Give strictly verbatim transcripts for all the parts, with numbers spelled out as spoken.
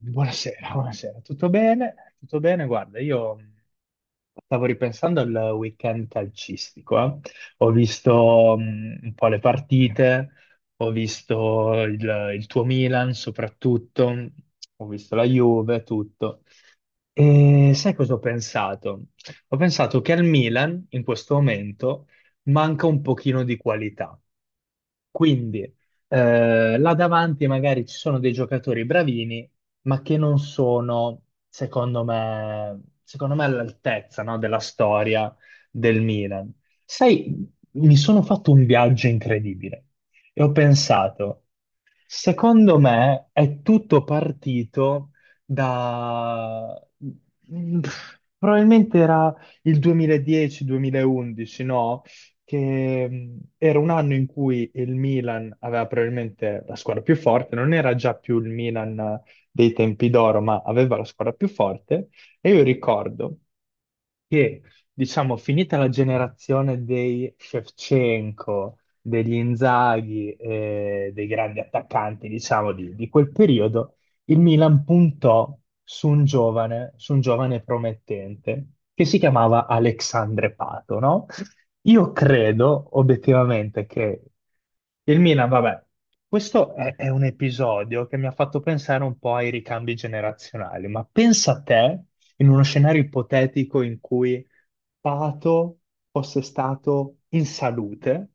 Buonasera, buonasera. Tutto bene? Tutto bene? Guarda, io mh, stavo ripensando al weekend calcistico, eh. Ho visto mh, un po' le partite, ho visto il, il tuo Milan soprattutto, ho visto la Juve, tutto. E sai cosa ho pensato? Ho pensato che al Milan in questo momento manca un pochino di qualità. Quindi eh, là davanti magari ci sono dei giocatori bravini ma che non sono, secondo me, secondo me all'altezza, no, della storia del Milan. Sai, mi sono fatto un viaggio incredibile e ho pensato, secondo me è tutto partito da... mm, probabilmente era il duemiladieci-duemilaundici, no? Che mm, era un anno in cui il Milan aveva probabilmente la squadra più forte, non era già più il Milan dei tempi d'oro, ma aveva la squadra più forte. E io ricordo che, diciamo, finita la generazione dei Shevchenko, degli Inzaghi, eh, dei grandi attaccanti, diciamo, di, di quel periodo, il Milan puntò su un giovane, su un giovane promettente che si chiamava Alexandre Pato, no? Io credo obiettivamente che il Milan, vabbè, questo è, è un episodio che mi ha fatto pensare un po' ai ricambi generazionali, ma pensa a te in uno scenario ipotetico in cui Pato fosse stato in salute,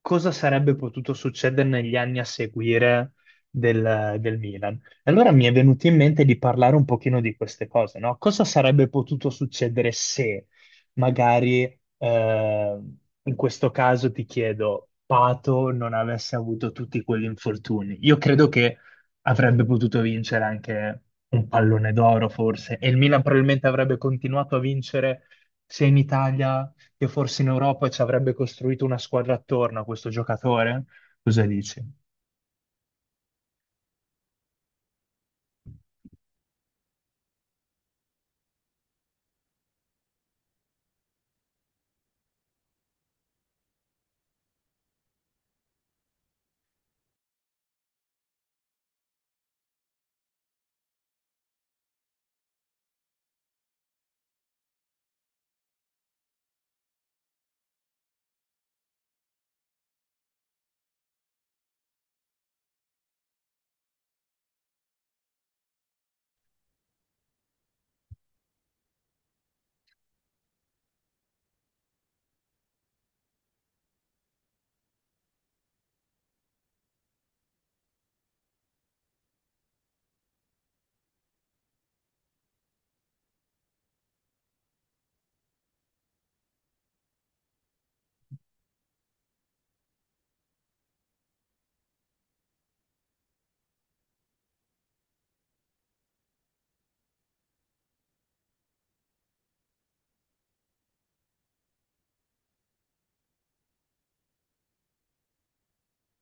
cosa sarebbe potuto succedere negli anni a seguire del, del Milan? E allora mi è venuto in mente di parlare un pochino di queste cose, no? Cosa sarebbe potuto succedere se magari eh, in questo caso ti chiedo, Pato non avesse avuto tutti quegli infortuni, io credo che avrebbe potuto vincere anche un pallone d'oro forse, e il Milan probabilmente avrebbe continuato a vincere sia in Italia che forse in Europa e ci avrebbe costruito una squadra attorno a questo giocatore. Cosa dici?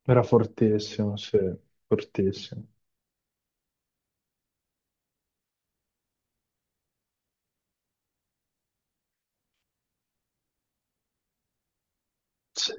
Era fortissimo, sì, fortissimo. Sì,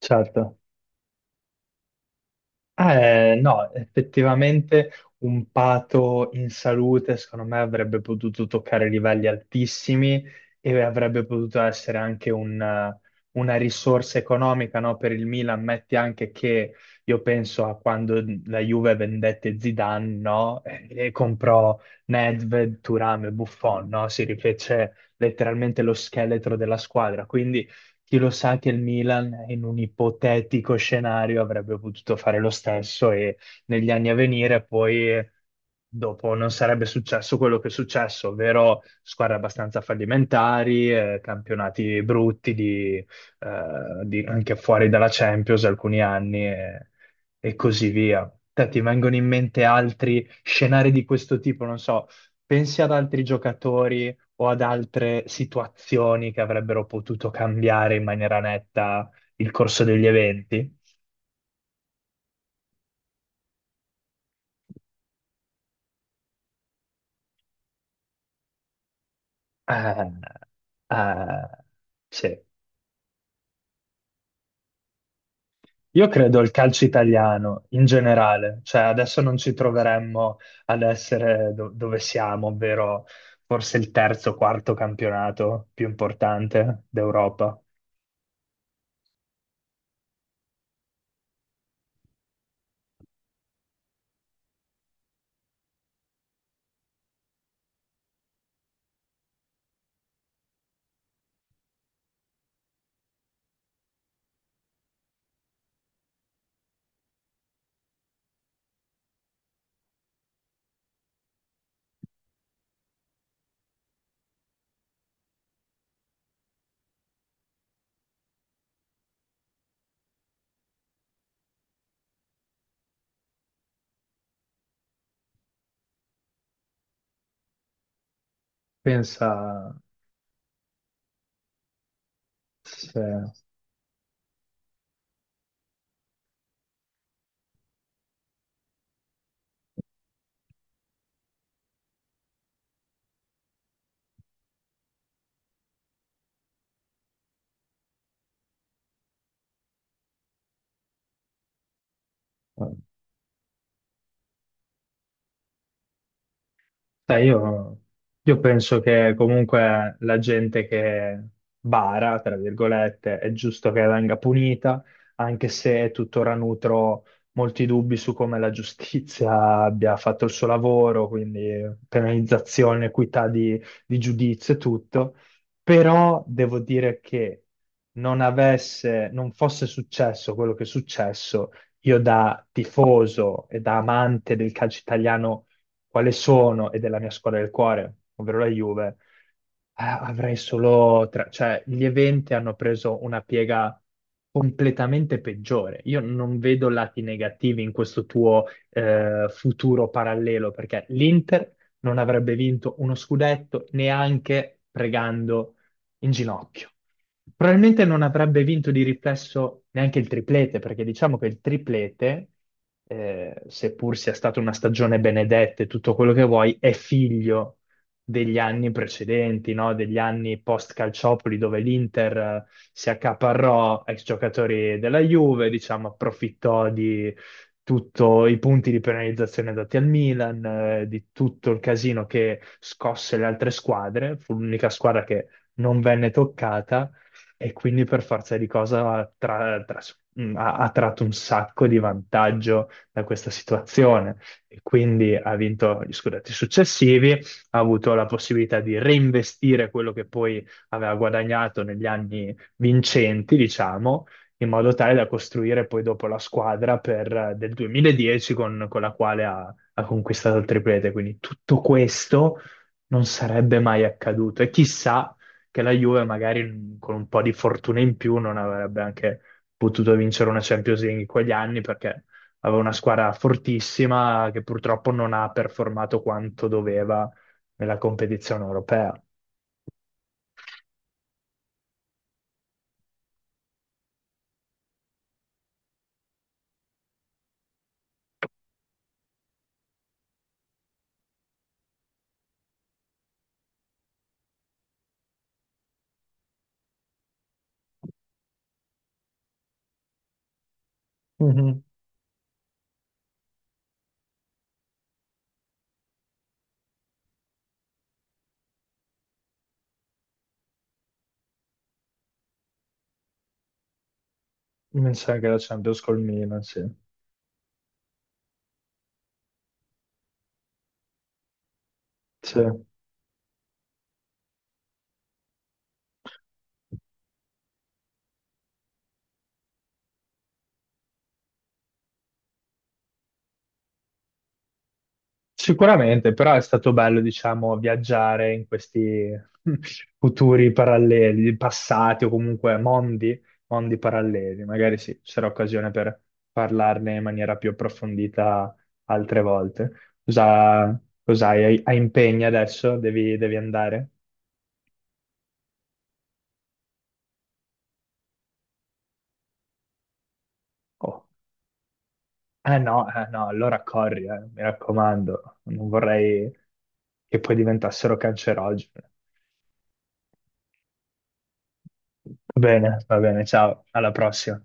certo. Eh, no, effettivamente un Pato in salute, secondo me, avrebbe potuto toccare livelli altissimi e avrebbe potuto essere anche un- eh, una risorsa economica, no, per il Milan. Metti anche che io penso a quando la Juve vendette Zidane, no, e e comprò Nedved, Thuram e Buffon, no? Si rifece letteralmente lo scheletro della squadra. Quindi chi lo sa che il Milan in un ipotetico scenario avrebbe potuto fare lo stesso e negli anni a venire poi dopo non sarebbe successo quello che è successo, ovvero squadre abbastanza fallimentari, eh, campionati brutti di, eh, di- anche fuori dalla Champions alcuni anni e, e così via. Te ti vengono in mente altri scenari di questo tipo? Non so, pensi ad altri giocatori o ad altre situazioni che avrebbero potuto cambiare in maniera netta il corso degli eventi. Ah, ah, sì. Io credo il calcio italiano in generale, cioè adesso non ci troveremmo ad essere do- dove siamo, ovvero forse il terzo o quarto campionato più importante d'Europa. Pensa se... Sai, io, io penso che comunque la gente che bara, tra virgolette, è giusto che venga punita, anche se tuttora nutro molti dubbi su come la giustizia abbia fatto il suo lavoro, quindi penalizzazione, equità di, di giudizio e tutto. Però devo dire che non avesse, non fosse successo quello che è successo, io da tifoso e da amante del calcio italiano quale sono, ed è la mia squadra del cuore, ovvero la Juve, eh, avrei solo tre, cioè gli eventi hanno preso una piega completamente peggiore. Io non vedo lati negativi in questo tuo eh, futuro parallelo, perché l'Inter non avrebbe vinto uno scudetto neanche pregando in ginocchio. Probabilmente non avrebbe vinto di riflesso neanche il triplete, perché diciamo che il triplete, eh, seppur sia stata una stagione benedetta e tutto quello che vuoi, è figlio degli anni precedenti, no? Degli anni post Calciopoli dove l'Inter eh, si accaparrò ex giocatori della Juve, diciamo, approfittò di tutti i punti di penalizzazione dati al Milan, eh, di tutto il casino che scosse le altre squadre, fu l'unica squadra che non venne toccata e quindi per forza di cosa ha, tra- tras- mh, ha- ha tratto un sacco di vantaggio da questa situazione e quindi ha vinto gli scudetti successivi ha avuto la possibilità di reinvestire quello che poi aveva guadagnato negli anni vincenti, diciamo, in modo tale da costruire poi dopo la squadra per- eh, del duemiladieci con, con la quale ha, ha conquistato il triplete. Quindi tutto questo non sarebbe mai accaduto e chissà che la Juve magari mm, con un po' di fortuna in più non avrebbe anche potuto vincere una Champions League in quegli anni perché aveva una squadra fortissima che purtroppo non ha performato quanto doveva nella competizione europea. Mhm. Mi sa che la Champions col Milan, sì. Sì. Sicuramente, però è stato bello, diciamo, viaggiare in questi futuri paralleli, passati o comunque mondi, mondi paralleli. Magari sì, ci sarà occasione per parlarne in maniera più approfondita altre volte. Cosa, cosa hai, hai impegni adesso? Devi, devi andare? Oh. Eh no, eh no, allora corri, eh, mi raccomando, non vorrei che poi diventassero cancerogene. Va bene, va bene, ciao, alla prossima.